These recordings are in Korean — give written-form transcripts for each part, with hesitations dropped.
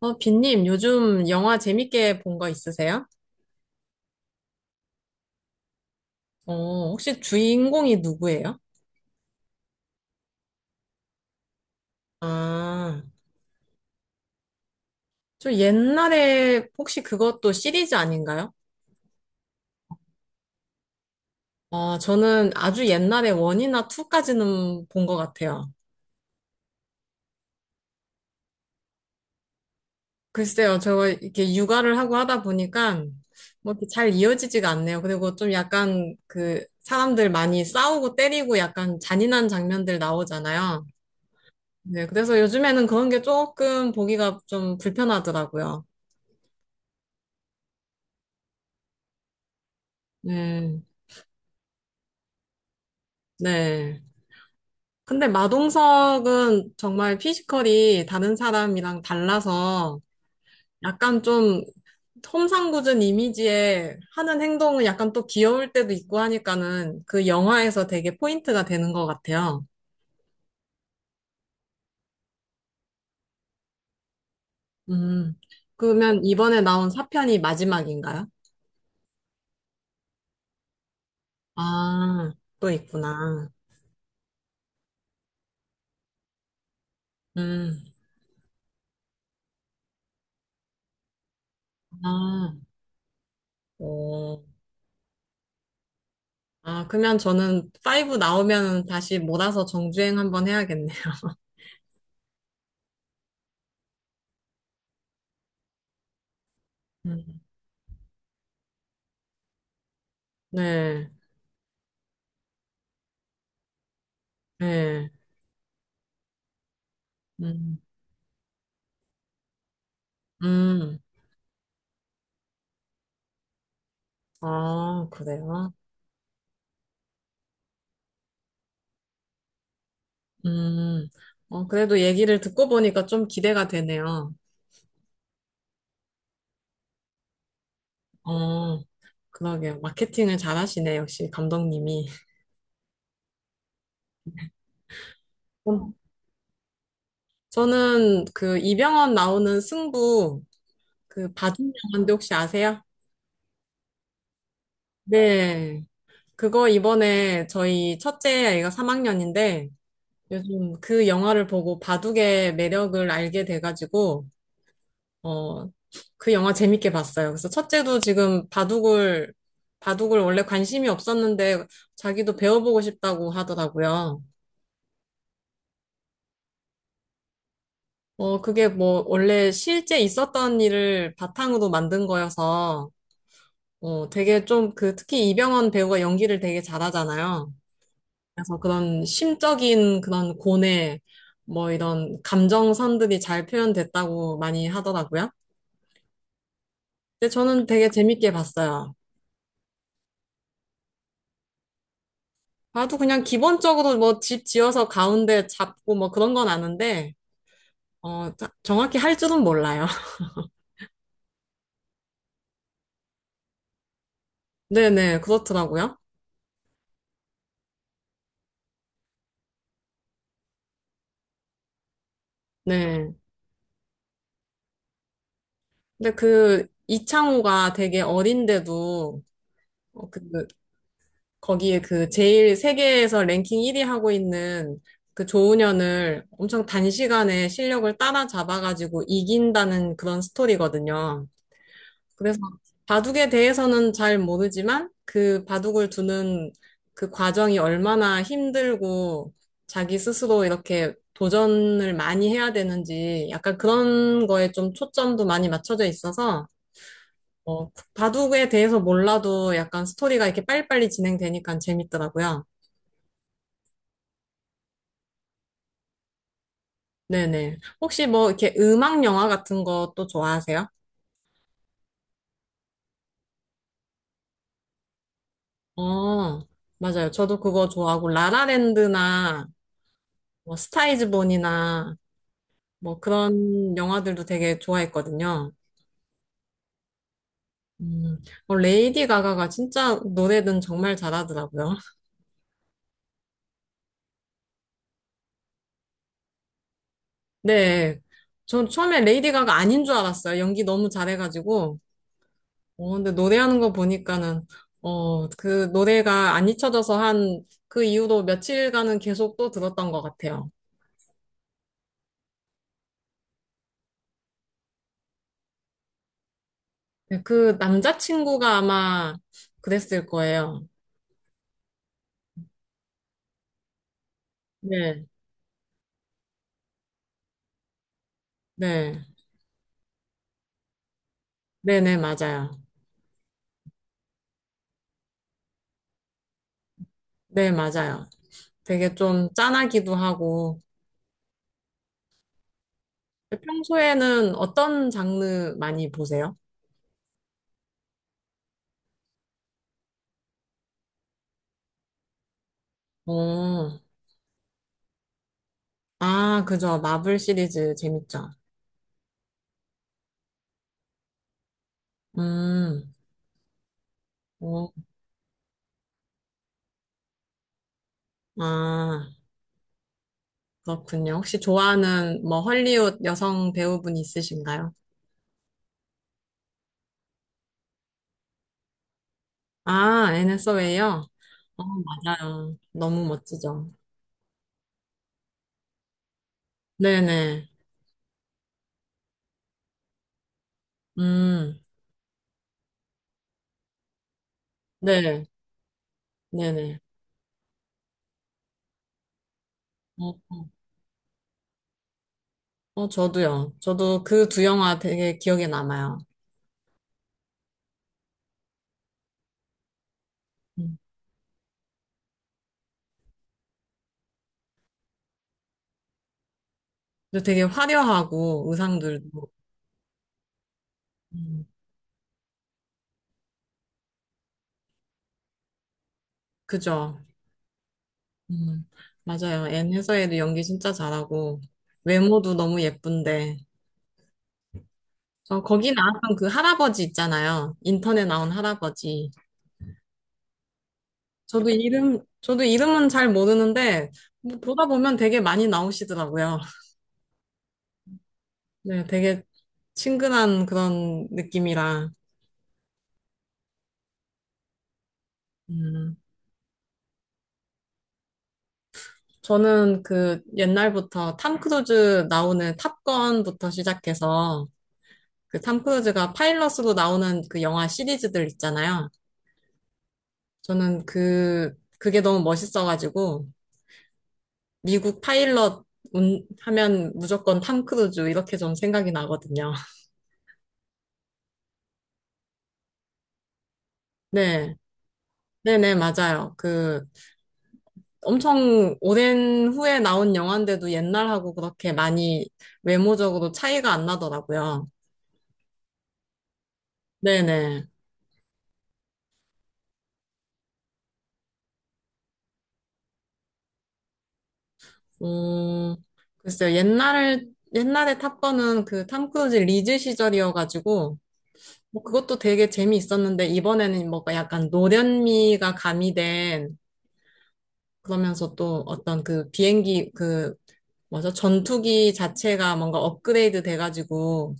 빈님, 요즘 영화 재밌게 본 거 있으세요? 혹시 주인공이 누구예요? 아, 저 옛날에 혹시 그것도 시리즈 아닌가요? 저는 아주 옛날에 원이나투까지는 본 것 같아요. 글쎄요, 저 이렇게 육아를 하고 하다 보니까 뭐 이렇게 잘 이어지지가 않네요. 그리고 좀 약간 그 사람들 많이 싸우고 때리고 약간 잔인한 장면들 나오잖아요. 네, 그래서 요즘에는 그런 게 조금 보기가 좀 불편하더라고요. 네. 네. 근데 마동석은 정말 피지컬이 다른 사람이랑 달라서 약간 좀 험상궂은 이미지에 하는 행동은 약간 또 귀여울 때도 있고 하니까는 그 영화에서 되게 포인트가 되는 것 같아요. 음. 그러면 이번에 나온 4편이 마지막인가요? 아, 또 있구나. 음. 아, 오. 아, 그러면 저는 5 나오면 다시 몰아서 정주행 한번 해야겠네요. 음. 네. 네. 음, 음, 아, 그래요? 음, 그래도 얘기를 듣고 보니까 좀 기대가 되네요. 어, 그러게요. 마케팅을 잘하시네, 역시 감독님이. 음. 저는 그 이병헌 나오는 승부, 그 봐준 영화인데 혹시 아세요? 네. 그거 이번에 저희 첫째 아이가 3학년인데 요즘 그 영화를 보고 바둑의 매력을 알게 돼가지고 어, 그 영화 재밌게 봤어요. 그래서 첫째도 지금 바둑을, 원래 관심이 없었는데 자기도 배워보고 싶다고 하더라고요. 그게 뭐 원래 실제 있었던 일을 바탕으로 만든 거여서 되게 좀 그 특히 이병헌 배우가 연기를 되게 잘하잖아요. 그래서 그런 심적인 그런 고뇌, 뭐 이런 감정선들이 잘 표현됐다고 많이 하더라고요. 근데 저는 되게 재밌게 봤어요. 나도 그냥 기본적으로 뭐 집 지어서 가운데 잡고 뭐 그런 건 아는데, 어, 정확히 할 줄은 몰라요. 네네, 그렇더라고요. 네. 근데 그 이창호가 되게 어린데도, 어, 그, 거기에 그 제일 세계에서 랭킹 1위 하고 있는 그 조은현을 엄청 단시간에 실력을 따라잡아가지고 이긴다는 그런 스토리거든요. 그래서 바둑에 대해서는 잘 모르지만 그 바둑을 두는 그 과정이 얼마나 힘들고 자기 스스로 이렇게 도전을 많이 해야 되는지 약간 그런 거에 좀 초점도 많이 맞춰져 있어서 바둑에 대해서 몰라도 약간 스토리가 이렇게 빨리빨리 진행되니까 재밌더라고요. 네네. 혹시 뭐 이렇게 음악 영화 같은 것도 좋아하세요? 어, 맞아요. 저도 그거 좋아하고 라라랜드나 뭐 스타이즈 본이나 뭐 그런 영화들도 되게 좋아했거든요. 음, 레이디 가가가 진짜 노래는 정말 잘하더라고요. 네. 전 처음에 레이디 가가 아닌 줄 알았어요. 연기 너무 잘해가지고. 어, 근데 노래하는 거 보니까는, 어, 그 노래가 안 잊혀져서 한 그 이후로 며칠간은 계속 또 들었던 것 같아요. 네, 그 남자친구가 아마 그랬을 거예요. 네, 네. 네네, 맞아요. 네, 맞아요. 되게 좀 짠하기도 하고, 평소에는 어떤 장르 많이 보세요? 어, 아, 그죠. 마블 시리즈 재밌죠. 음, 어, 아, 그렇군요. 혹시 좋아하는 뭐 헐리우드 여성 배우분 있으신가요? 아, 애네 서웨이요. 어, 맞아요. 너무 멋지죠. 네네. 음, 네. 네네. 어, 어, 저도요. 저도 그 두 영화 되게 기억에 남아요. 음, 그리고 되게 화려하고 의상들도. 음, 그죠. 음, 맞아요. N 회사에도 연기 진짜 잘하고, 외모도 너무 예쁜데. 저 거기 나왔던 그 할아버지 있잖아요. 인턴에 나온 할아버지. 저도 이름은 잘 모르는데, 뭐 보다 보면 되게 많이 나오시더라고요. 네, 되게 친근한 그런 느낌이라. 음, 저는 그 옛날부터 탐 크루즈 나오는 탑건부터 시작해서, 그 탐 크루즈가 파일럿으로 나오는 그 영화 시리즈들 있잖아요. 저는 그, 그게 너무 멋있어가지고, 미국 파일럿 하면 무조건 탐 크루즈 이렇게 좀 생각이 나거든요. 네. 네네, 맞아요. 그, 엄청 오랜 후에 나온 영화인데도 옛날하고 그렇게 많이 외모적으로 차이가 안 나더라고요. 네네. 음, 글쎄요. 옛날에 탑건은 그 탐 크루즈 리즈 시절이어가지고, 뭐 그것도 되게 재미있었는데, 이번에는 뭔가 약간 노련미가 가미된 그러면서 또 어떤 그 비행기 그 뭐죠? 전투기 자체가 뭔가 업그레이드 돼가지고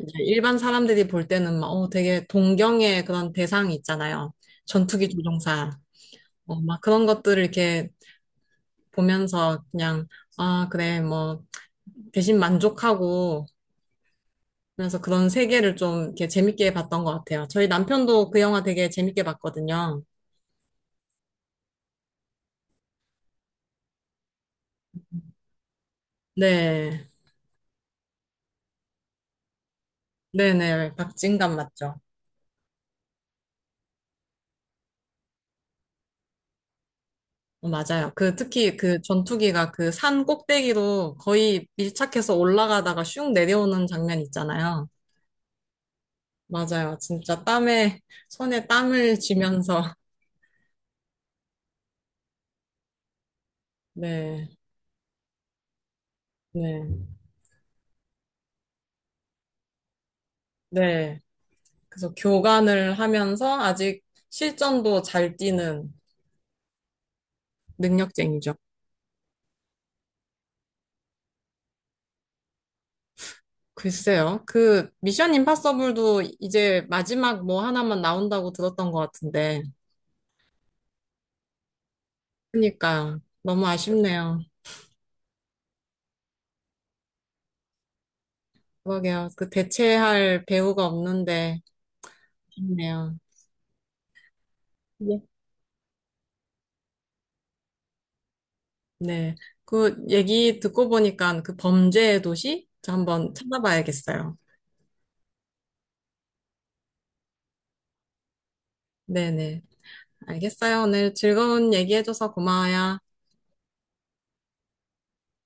이제 일반 사람들이 볼 때는 막 어, 되게 동경의 그런 대상이 있잖아요. 전투기 조종사. 어, 막 그런 것들을 이렇게 보면서 그냥 아, 그래. 뭐 대신 만족하고 그래서 그런 세계를 좀 이렇게 재밌게 봤던 것 같아요. 저희 남편도 그 영화 되게 재밌게 봤거든요. 네. 네네. 박진감 맞죠? 어, 맞아요. 그 특히 그 전투기가 그 산 꼭대기로 거의 밀착해서 올라가다가 슝 내려오는 장면 있잖아요. 맞아요. 진짜 땀에 손에 땀을 쥐면서 네. 네. 네. 그래서 교관을 하면서 아직 실전도 잘 뛰는 능력쟁이죠. 글쎄요. 그 미션 임파서블도 이제 마지막 뭐 하나만 나온다고 들었던 것 같은데. 그러니까 너무 아쉽네요. 그러게요. 그 대체할 배우가 없는데 있네요. 예. 네. 그 얘기 듣고 보니까 그 범죄의 도시 저 한번 찾아봐야겠어요. 네네. 알겠어요. 오늘 즐거운 얘기해줘서 고마워요.